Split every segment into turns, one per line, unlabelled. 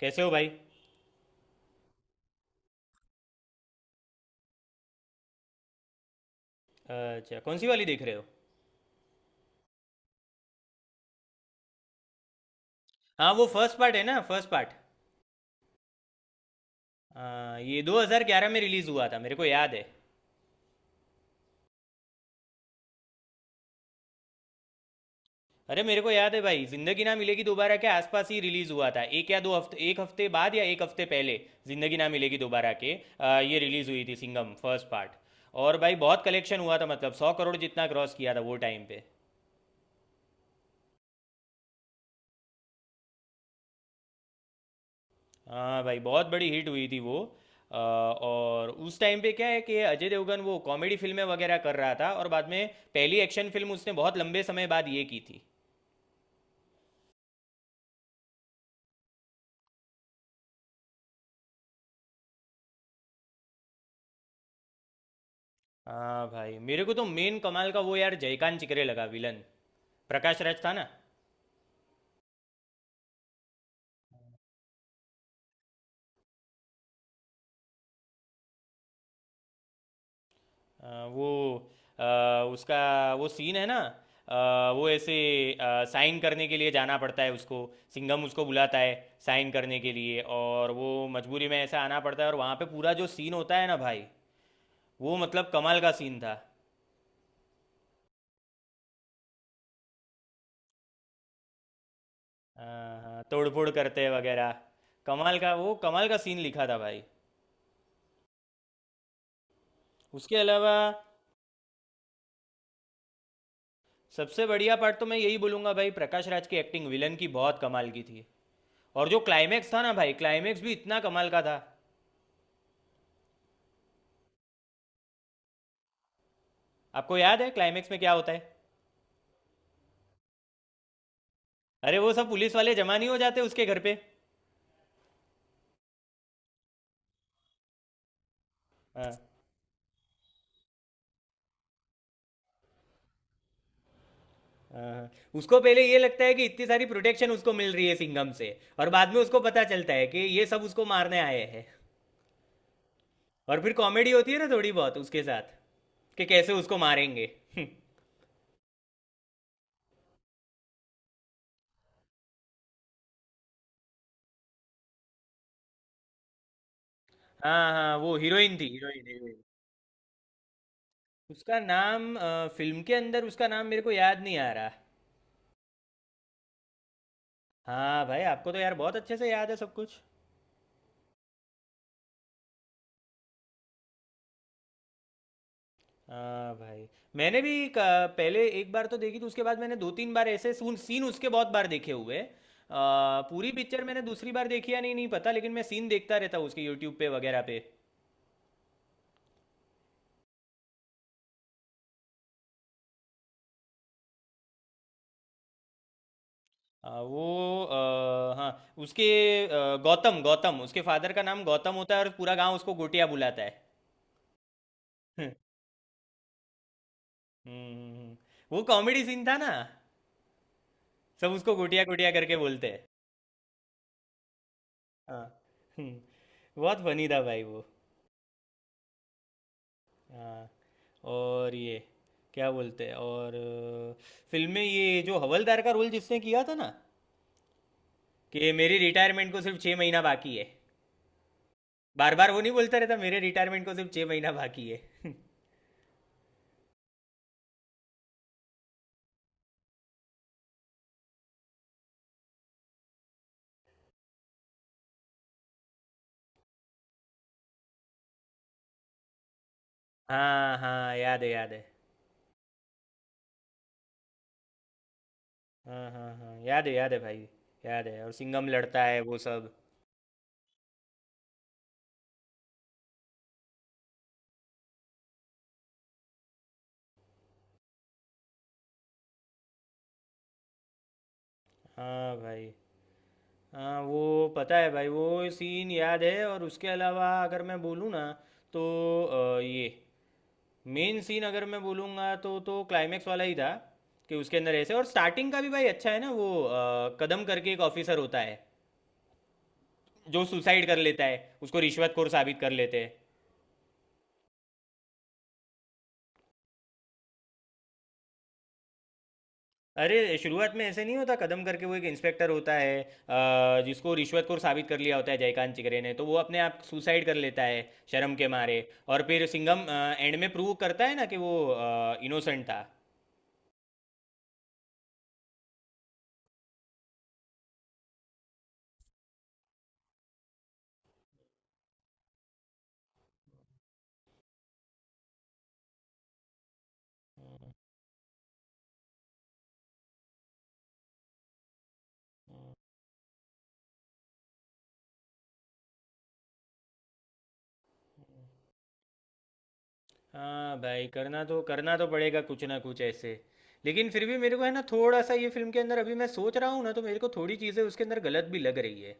कैसे हो भाई? अच्छा, कौन सी वाली देख रहे हो? हाँ, वो फर्स्ट पार्ट है ना, फर्स्ट पार्ट। हाँ, ये 2011 में रिलीज़ हुआ था, मेरे को याद है। अरे, मेरे को याद है भाई, जिंदगी ना मिलेगी दोबारा के आसपास ही रिलीज़ हुआ था, एक या दो हफ्ते, एक हफ्ते बाद या एक हफ्ते पहले। जिंदगी ना मिलेगी दोबारा के ये रिलीज़ हुई थी सिंगम फर्स्ट पार्ट। और भाई बहुत कलेक्शन हुआ था, मतलब 100 करोड़ जितना क्रॉस किया था वो टाइम पे। हाँ भाई, बहुत बड़ी हिट हुई थी वो। और उस टाइम पे क्या है कि अजय देवगन वो कॉमेडी फिल्में वगैरह कर रहा था, और बाद में पहली एक्शन फिल्म उसने बहुत लंबे समय बाद ये की थी। हाँ भाई, मेरे को तो मेन कमाल का वो यार जयकांत चिकरे लगा, विलन। प्रकाश राज था ना। वो अ, उसका वो सीन है ना। वो ऐसे साइन करने के लिए जाना पड़ता है उसको। सिंघम उसको बुलाता है साइन करने के लिए, और वो मजबूरी में ऐसा आना पड़ता है, और वहाँ पे पूरा जो सीन होता है ना भाई, वो मतलब कमाल का सीन था। हाँ हाँ, तोड़फोड़ करते वगैरह। कमाल का वो कमाल का सीन लिखा था भाई। उसके अलावा सबसे बढ़िया पार्ट तो मैं यही बोलूंगा भाई, प्रकाश राज की एक्टिंग, विलन की, बहुत कमाल की थी। और जो क्लाइमैक्स था ना भाई, क्लाइमैक्स भी इतना कमाल का था। आपको याद है क्लाइमैक्स में क्या होता है? अरे, वो सब पुलिस वाले जमा नहीं हो जाते उसके घर पे? हाँ हाँ हाँ। उसको पहले ये लगता है कि इतनी सारी प्रोटेक्शन उसको मिल रही है सिंघम से, और बाद में उसको पता चलता है कि ये सब उसको मारने आए हैं। और फिर कॉमेडी होती है ना थोड़ी बहुत उसके साथ, कि कैसे उसको मारेंगे। हाँ हाँ, वो हीरोइन थी, हीरोइन हीरोइन। फिल्म के अंदर उसका नाम मेरे को याद नहीं आ रहा। हाँ भाई, आपको तो यार बहुत अच्छे से याद है सब कुछ। हाँ भाई, मैंने भी पहले एक बार तो देखी थी, उसके बाद मैंने 2-3 बार ऐसे सून सीन उसके बहुत बार देखे हुए हैं। पूरी पिक्चर मैंने दूसरी बार देखी या नहीं, नहीं पता, लेकिन मैं सीन देखता रहता हूँ उसके यूट्यूब पे वगैरह पे। वो हाँ, उसके गौतम गौतम उसके फादर का नाम गौतम होता है, और पूरा गांव उसको गोटिया बुलाता है। हम्म, हम्म। वो कॉमेडी सीन था ना, सब उसको गोटिया गोटिया करके बोलते हैं। हाँ, हम्म, बहुत फनी था भाई वो। हाँ, और ये क्या बोलते हैं, और फिल्म में ये जो हवलदार का रोल जिसने किया था ना, कि मेरी रिटायरमेंट को सिर्फ 6 महीना बाकी है। बार बार वो नहीं बोलता रहता, मेरे रिटायरमेंट को सिर्फ छः महीना बाकी है। हाँ हाँ, याद है, याद है। हाँ हाँ हाँ, याद है, याद है भाई। याद है, और सिंघम लड़ता है वो सब। हाँ भाई, हाँ, वो पता है भाई, वो सीन याद है, और उसके अलावा अगर मैं बोलूँ ना तो ये मेन सीन अगर मैं बोलूँगा तो क्लाइमेक्स वाला ही था। कि उसके अंदर ऐसे, और स्टार्टिंग का भी भाई अच्छा है ना, वो कदम करके एक ऑफिसर होता है, जो सुसाइड कर लेता है, उसको रिश्वतखोर साबित कर लेते हैं। अरे! शुरुआत में ऐसे नहीं होता, कदम करके वो एक इंस्पेक्टर होता है, जिसको रिश्वतखोर साबित कर लिया होता है जयकांत चिकरे ने, तो वो अपने आप सुसाइड कर लेता है, शर्म के मारे। और फिर सिंघम एंड में प्रूव करता है ना कि वो इनोसेंट था। हाँ भाई, करना तो पड़ेगा कुछ ना कुछ ऐसे। लेकिन फिर भी मेरे को है ना थोड़ा-सा, ये फ़िल्म के अंदर, अभी मैं सोच रहा हूँ ना तो मेरे को थोड़ी चीज़ें उसके अंदर गलत भी लग रही है।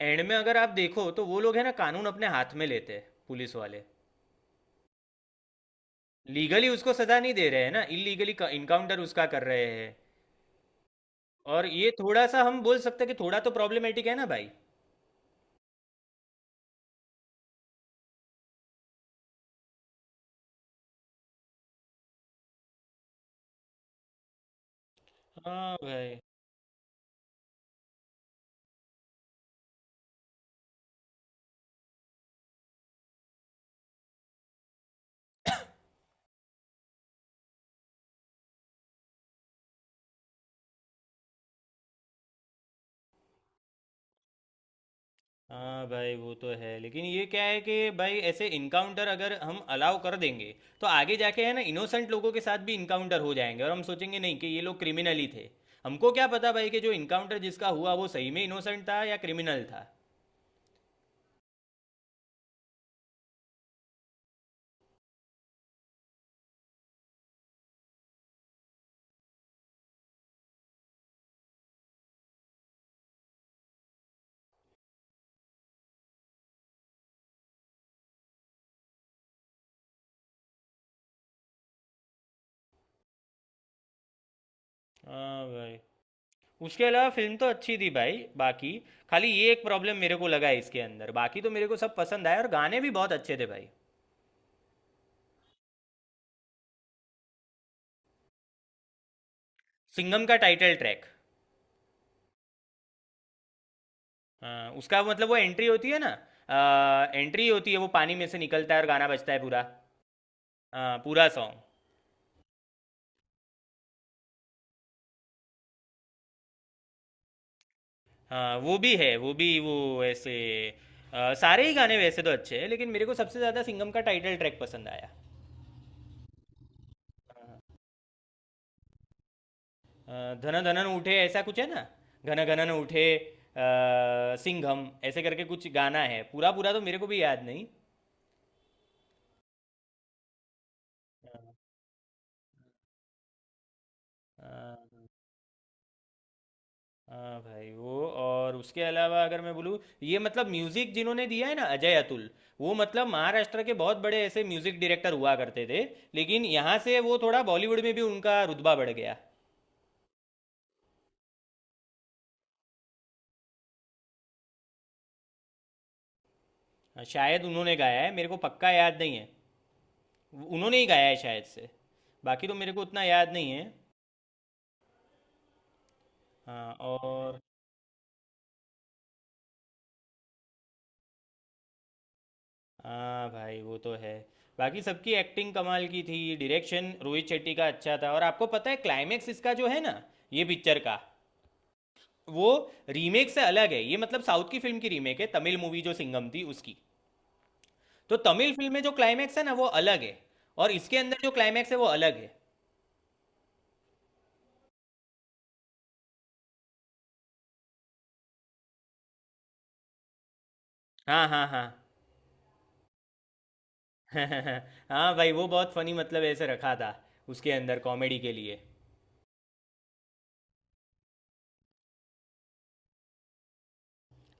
एंड में अगर आप देखो तो वो लोग है ना, कानून अपने हाथ में लेते हैं, पुलिस वाले। लीगली उसको सजा नहीं दे रहे हैं ना, इलीगली इनकाउंटर उसका कर रहे हैं। और ये थोड़ा सा हम बोल सकते हैं कि थोड़ा तो प्रॉब्लमेटिक है ना भाई। हाँ भाई, हाँ भाई, वो तो है, लेकिन ये क्या है कि भाई, ऐसे इनकाउंटर अगर हम अलाउ कर देंगे, तो आगे जाके है ना इनोसेंट लोगों के साथ भी इनकाउंटर हो जाएंगे, और हम सोचेंगे नहीं कि ये लोग क्रिमिनल ही थे। हमको क्या पता भाई, कि जो इनकाउंटर जिसका हुआ वो सही में इनोसेंट था या क्रिमिनल था। हाँ भाई, उसके अलावा फिल्म तो अच्छी थी भाई बाकी। खाली ये एक प्रॉब्लम मेरे को लगा है इसके अंदर, बाकी तो मेरे को सब पसंद आया, और गाने भी बहुत अच्छे थे भाई। सिंगम का टाइटल ट्रैक। हाँ, उसका मतलब वो एंट्री होती है ना। एंट्री होती है, वो पानी में से निकलता है और गाना बजता है पूरा। हाँ, पूरा सॉन्ग। हाँ, वो भी है, वो भी, वो ऐसे सारे ही गाने वैसे तो अच्छे हैं, लेकिन मेरे को सबसे ज़्यादा सिंगम का टाइटल ट्रैक पसंद आया। अ, धन धनन उठे ऐसा कुछ है ना। घन घनन उठे सिंघम ऐसे करके कुछ गाना है, पूरा पूरा तो मेरे को भी याद नहीं। हाँ हाँ, हाँ भाई, वो और उसके अलावा अगर मैं बोलूँ, ये मतलब म्यूज़िक जिन्होंने दिया है ना, अजय अतुल, वो मतलब महाराष्ट्र के बहुत बड़े ऐसे म्यूज़िक डायरेक्टर हुआ करते थे। लेकिन यहाँ से वो थोड़ा बॉलीवुड में भी उनका रुतबा बढ़ गया। हाँ, शायद उन्होंने गाया है, मेरे को पक्का याद नहीं है। उन्होंने ही गाया है शायद से। बाकी तो मेरे को उतना याद नहीं है। हाँ, और हाँ भाई, वो तो है। बाकी सबकी एक्टिंग कमाल की थी, डायरेक्शन रोहित शेट्टी का अच्छा था, और आपको पता है क्लाइमेक्स इसका जो है ना, ये पिक्चर का, वो रीमेक से अलग है, ये मतलब साउथ की फिल्म की रीमेक है, तमिल मूवी जो सिंगम थी उसकी। तो तमिल फिल्म में जो क्लाइमेक्स है ना, वो अलग है। और इसके अंदर जो क्लाइमेक्स है, वो अलग है। हाँ हाँ हाँ। हाँ भाई, वो बहुत फनी, मतलब ऐसे रखा था उसके अंदर कॉमेडी के लिए।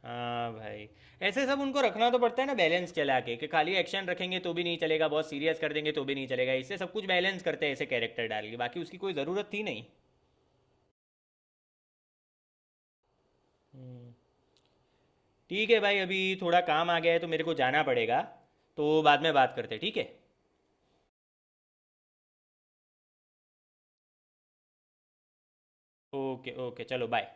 हाँ भाई, ऐसे सब उनको रखना तो पड़ता है ना, बैलेंस चला के, कि खाली एक्शन रखेंगे तो भी नहीं चलेगा, बहुत सीरियस कर देंगे तो भी नहीं चलेगा, इससे सब कुछ बैलेंस करते हैं ऐसे कैरेक्टर डाल के, बाकी उसकी कोई ज़रूरत थी नहीं। हम्म, ठीक है भाई, अभी थोड़ा काम आ गया है तो मेरे को जाना पड़ेगा। तो बाद में बात करते हैं, ठीक है? ओके, ओके, चलो बाय।